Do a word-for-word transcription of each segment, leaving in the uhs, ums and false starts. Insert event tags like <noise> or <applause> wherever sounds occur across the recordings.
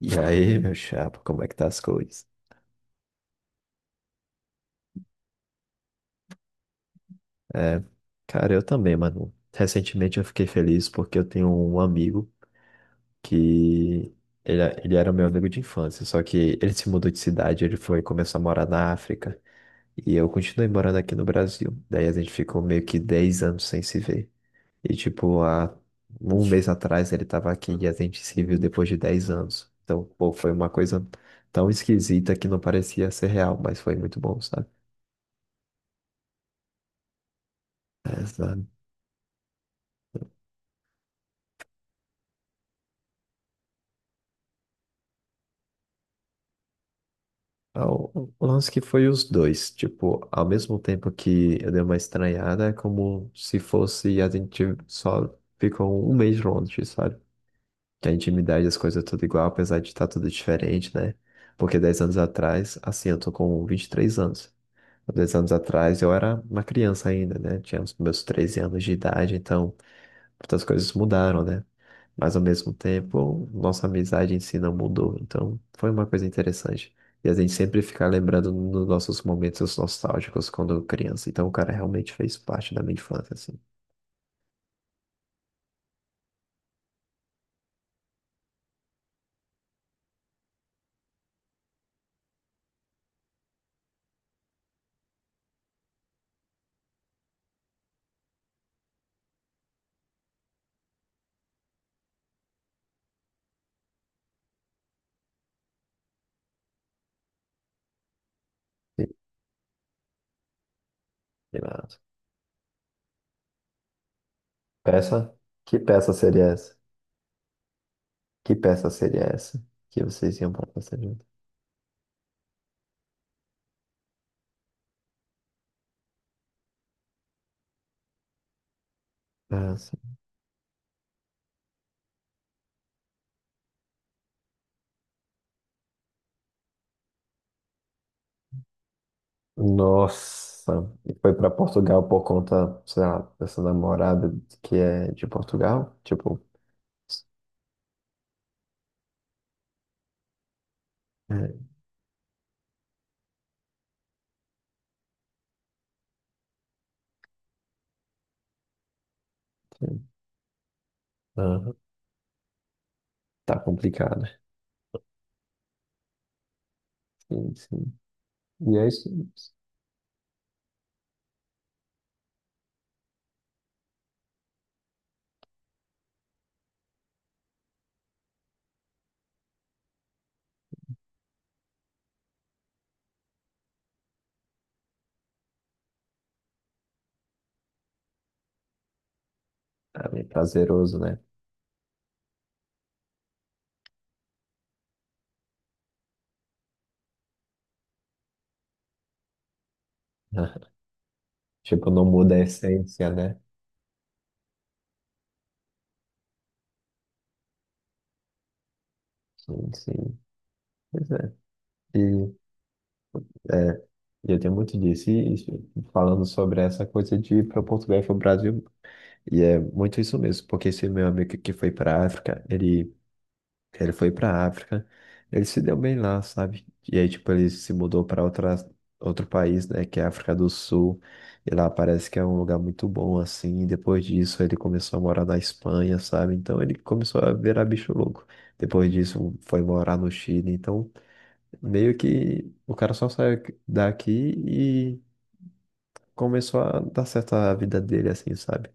E aí, meu chapa, como é que tá as coisas? Cara, eu também, mano. Recentemente eu fiquei feliz porque eu tenho um amigo que ele, é, ele era meu amigo de infância, só que ele se mudou de cidade, ele foi começou a morar na África e eu continuei morando aqui no Brasil. Daí a gente ficou meio que dez anos sem se ver. E tipo, há um mês atrás ele tava aqui e a gente se viu depois de dez anos. Então, pô, foi uma coisa tão esquisita que não parecia ser real, mas foi muito bom, sabe? É, sabe? Ah, O o lance que foi os dois, tipo, ao mesmo tempo que eu dei uma estranhada, é como se fosse a gente só ficou um mês longe, sabe? Que a intimidade, as coisas é tudo igual, apesar de estar tudo diferente, né? Porque dez anos atrás, assim, eu tô com vinte e três anos. Há 10 anos atrás eu era uma criança ainda, né? Tinha os meus treze anos de idade, então muitas coisas mudaram, né? Mas ao mesmo tempo, nossa amizade em si não mudou. Então, foi uma coisa interessante. E a gente sempre fica lembrando nos nossos momentos nostálgicos quando criança. Então, o cara realmente fez parte da minha infância, assim. E lá, peça? Que peça seria essa? Que peça seria essa que vocês iam para fazer junto? Ah, sim. Nossa, e foi para Portugal por conta, sei lá, dessa namorada que é de Portugal? Tipo, é, sim. Tá complicado. Sim, sim. E é isso. É prazeroso, né? <laughs> Tipo, não muda a essência, né? Sim, sim. Pois é. E, e eu tenho muito disso. E, e falando sobre essa coisa de ir para Portugal e para o Brasil. E é muito isso mesmo, porque esse meu amigo que foi para África, ele. Que ele foi pra África, ele se deu bem lá, sabe? E aí, tipo, ele se mudou pra outra, outro país, né, que é a África do Sul, e lá parece que é um lugar muito bom, assim. E depois disso, ele começou a morar na Espanha, sabe? Então, ele começou a virar bicho louco. Depois disso, foi morar no Chile. Então, meio que o cara só saiu daqui começou a dar certo a vida dele, assim, sabe?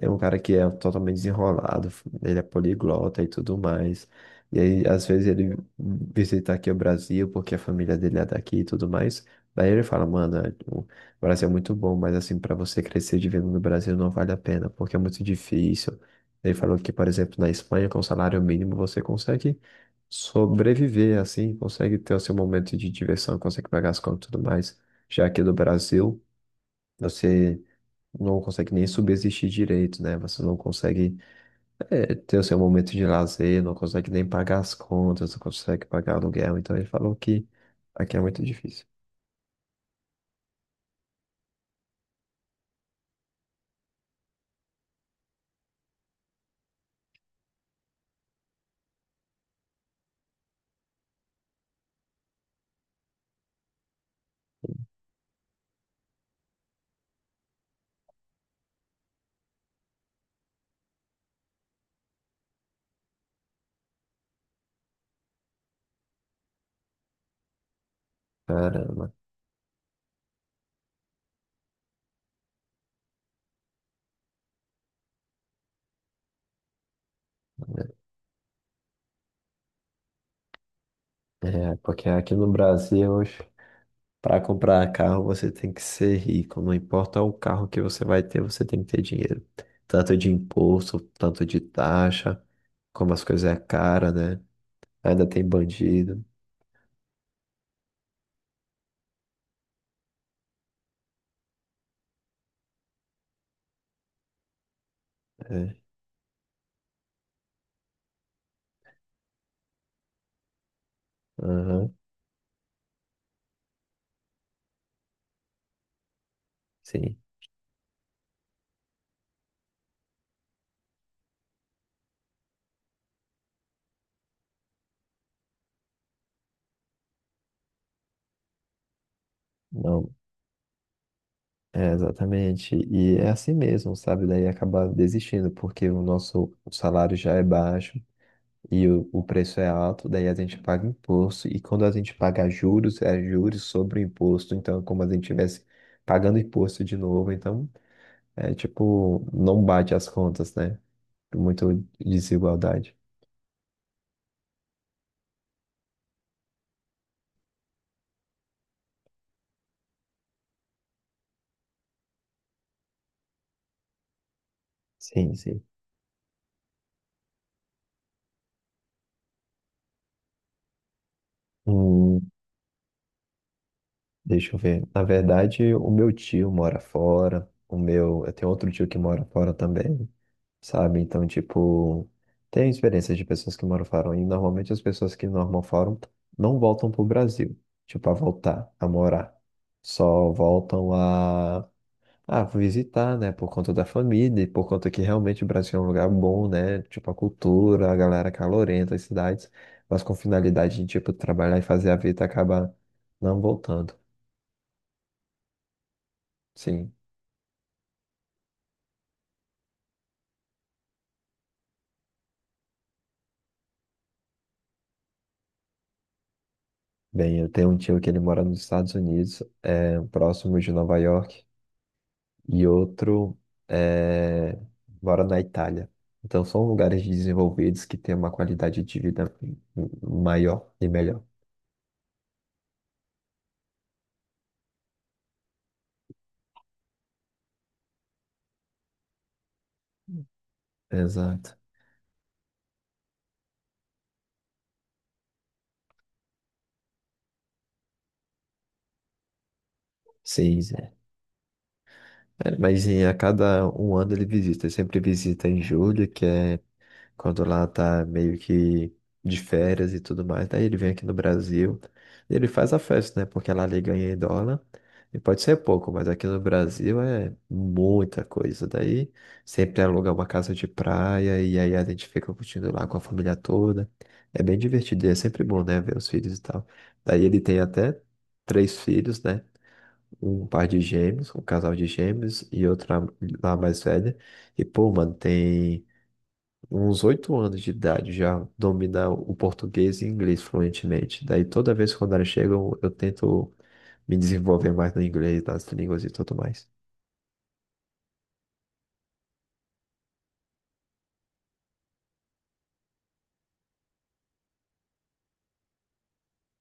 É um cara que é totalmente desenrolado, ele é poliglota e tudo mais. E aí, às vezes, ele visita aqui o Brasil, porque a família dele é daqui e tudo mais. Daí ele fala, mano, é, o Brasil é muito bom, mas assim, para você crescer vivendo no Brasil não vale a pena, porque é muito difícil. Ele falou que, por exemplo, na Espanha, com salário mínimo, você consegue sobreviver, assim, consegue ter o seu momento de diversão, consegue pagar as contas e tudo mais. Já aqui no Brasil. Você não consegue nem subsistir direito, né? Você não consegue é, ter o seu momento de lazer, não consegue nem pagar as contas, não consegue pagar aluguel. Então ele falou que aqui é muito difícil. Caramba. É, porque aqui no Brasil, hoje, para comprar carro, você tem que ser rico. Não importa o carro que você vai ter, você tem que ter dinheiro. Tanto de imposto, tanto de taxa, como as coisas é cara, né? Ainda tem bandido. É. Aham, sim. Não, é, exatamente. E é assim mesmo, sabe? Daí acabar desistindo, porque o nosso salário já é baixo e o, o preço é alto, daí a gente paga imposto. E quando a gente paga juros, é juros sobre o imposto. Então, é como a gente estivesse pagando imposto de novo. Então, é tipo, não bate as contas, né? Muita desigualdade. Sim, sim. Hum, Deixa eu ver. Na verdade, o meu tio mora fora. O meu, eu tenho outro tio que mora fora também. Sabe? Então, tipo, tem experiências de pessoas que moram fora e normalmente as pessoas que normam fora não voltam pro Brasil, tipo, a voltar, a morar. Só voltam a, a visitar, né? Por conta da família e por conta que realmente o Brasil é um lugar bom, né? Tipo, a cultura, a galera calorenta, as cidades, mas com finalidade de, tipo, trabalhar e fazer a vida acaba não voltando. Sim. Bem, eu tenho um tio que ele mora nos Estados Unidos, é, próximo de Nova York. E outro é, mora na Itália. Então são lugares desenvolvidos que têm uma qualidade de vida maior e melhor. Exato. Sim, sim. É, mas em, a cada um ano ele visita. Ele sempre visita em julho, que é quando lá tá meio que de férias e tudo mais. Daí ele vem aqui no Brasil e ele faz a festa, né? Porque lá ele ganha em dólar. E pode ser pouco, mas aqui no Brasil é muita coisa. Daí sempre aluga uma casa de praia e aí a gente fica curtindo lá com a família toda. É bem divertido e é sempre bom, né? Ver os filhos e tal. Daí ele tem até três filhos, né? Um par de gêmeos, um casal de gêmeos e outra lá mais velha. E, pô, mano, tem uns oito anos de idade, já domina o português e inglês fluentemente. Daí toda vez quando elas chegam, eu tento me desenvolver mais no inglês, nas línguas e tudo mais.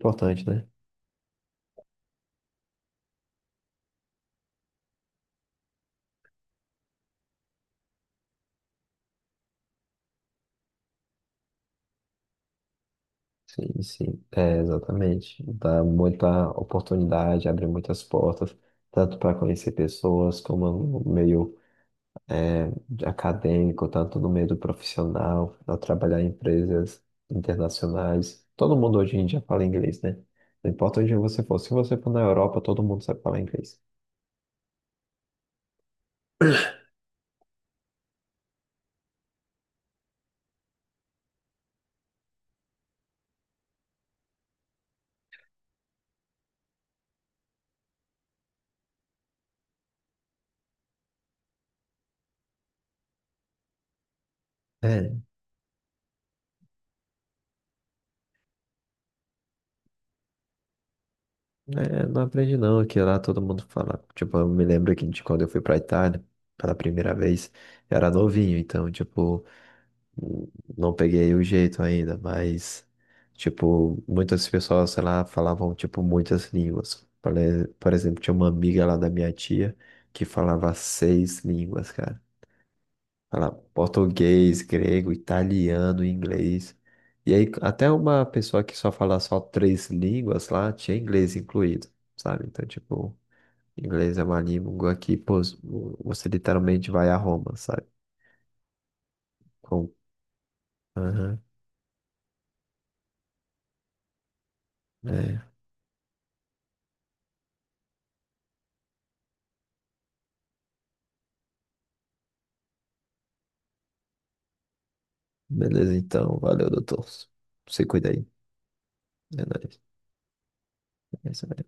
Importante, né? Sim, sim, é, exatamente. Dá muita oportunidade, abre muitas portas, tanto para conhecer pessoas, como no meio de acadêmico, tanto no meio do profissional, a trabalhar em empresas internacionais. Todo mundo hoje em dia fala inglês, né? Não importa onde você for. Se você for na Europa, todo mundo sabe falar inglês. É, é, não aprendi não, que lá todo mundo fala. Tipo, eu me lembro que de quando eu fui pra Itália pela primeira vez, eu era novinho, então, tipo. Não peguei o jeito ainda, mas, tipo, muitas pessoas, sei lá, falavam, tipo, muitas línguas. Por e- por exemplo, tinha uma amiga lá da minha tia que falava seis línguas, cara. Falava português, grego, italiano, inglês. E aí, até uma pessoa que só fala só três línguas lá tinha inglês incluído, sabe? Então, tipo, inglês é uma língua que, pô, você literalmente vai a Roma, sabe? Com... Aham. Beleza, então. Valeu, doutor. Se cuida aí. É nóis. É isso aí.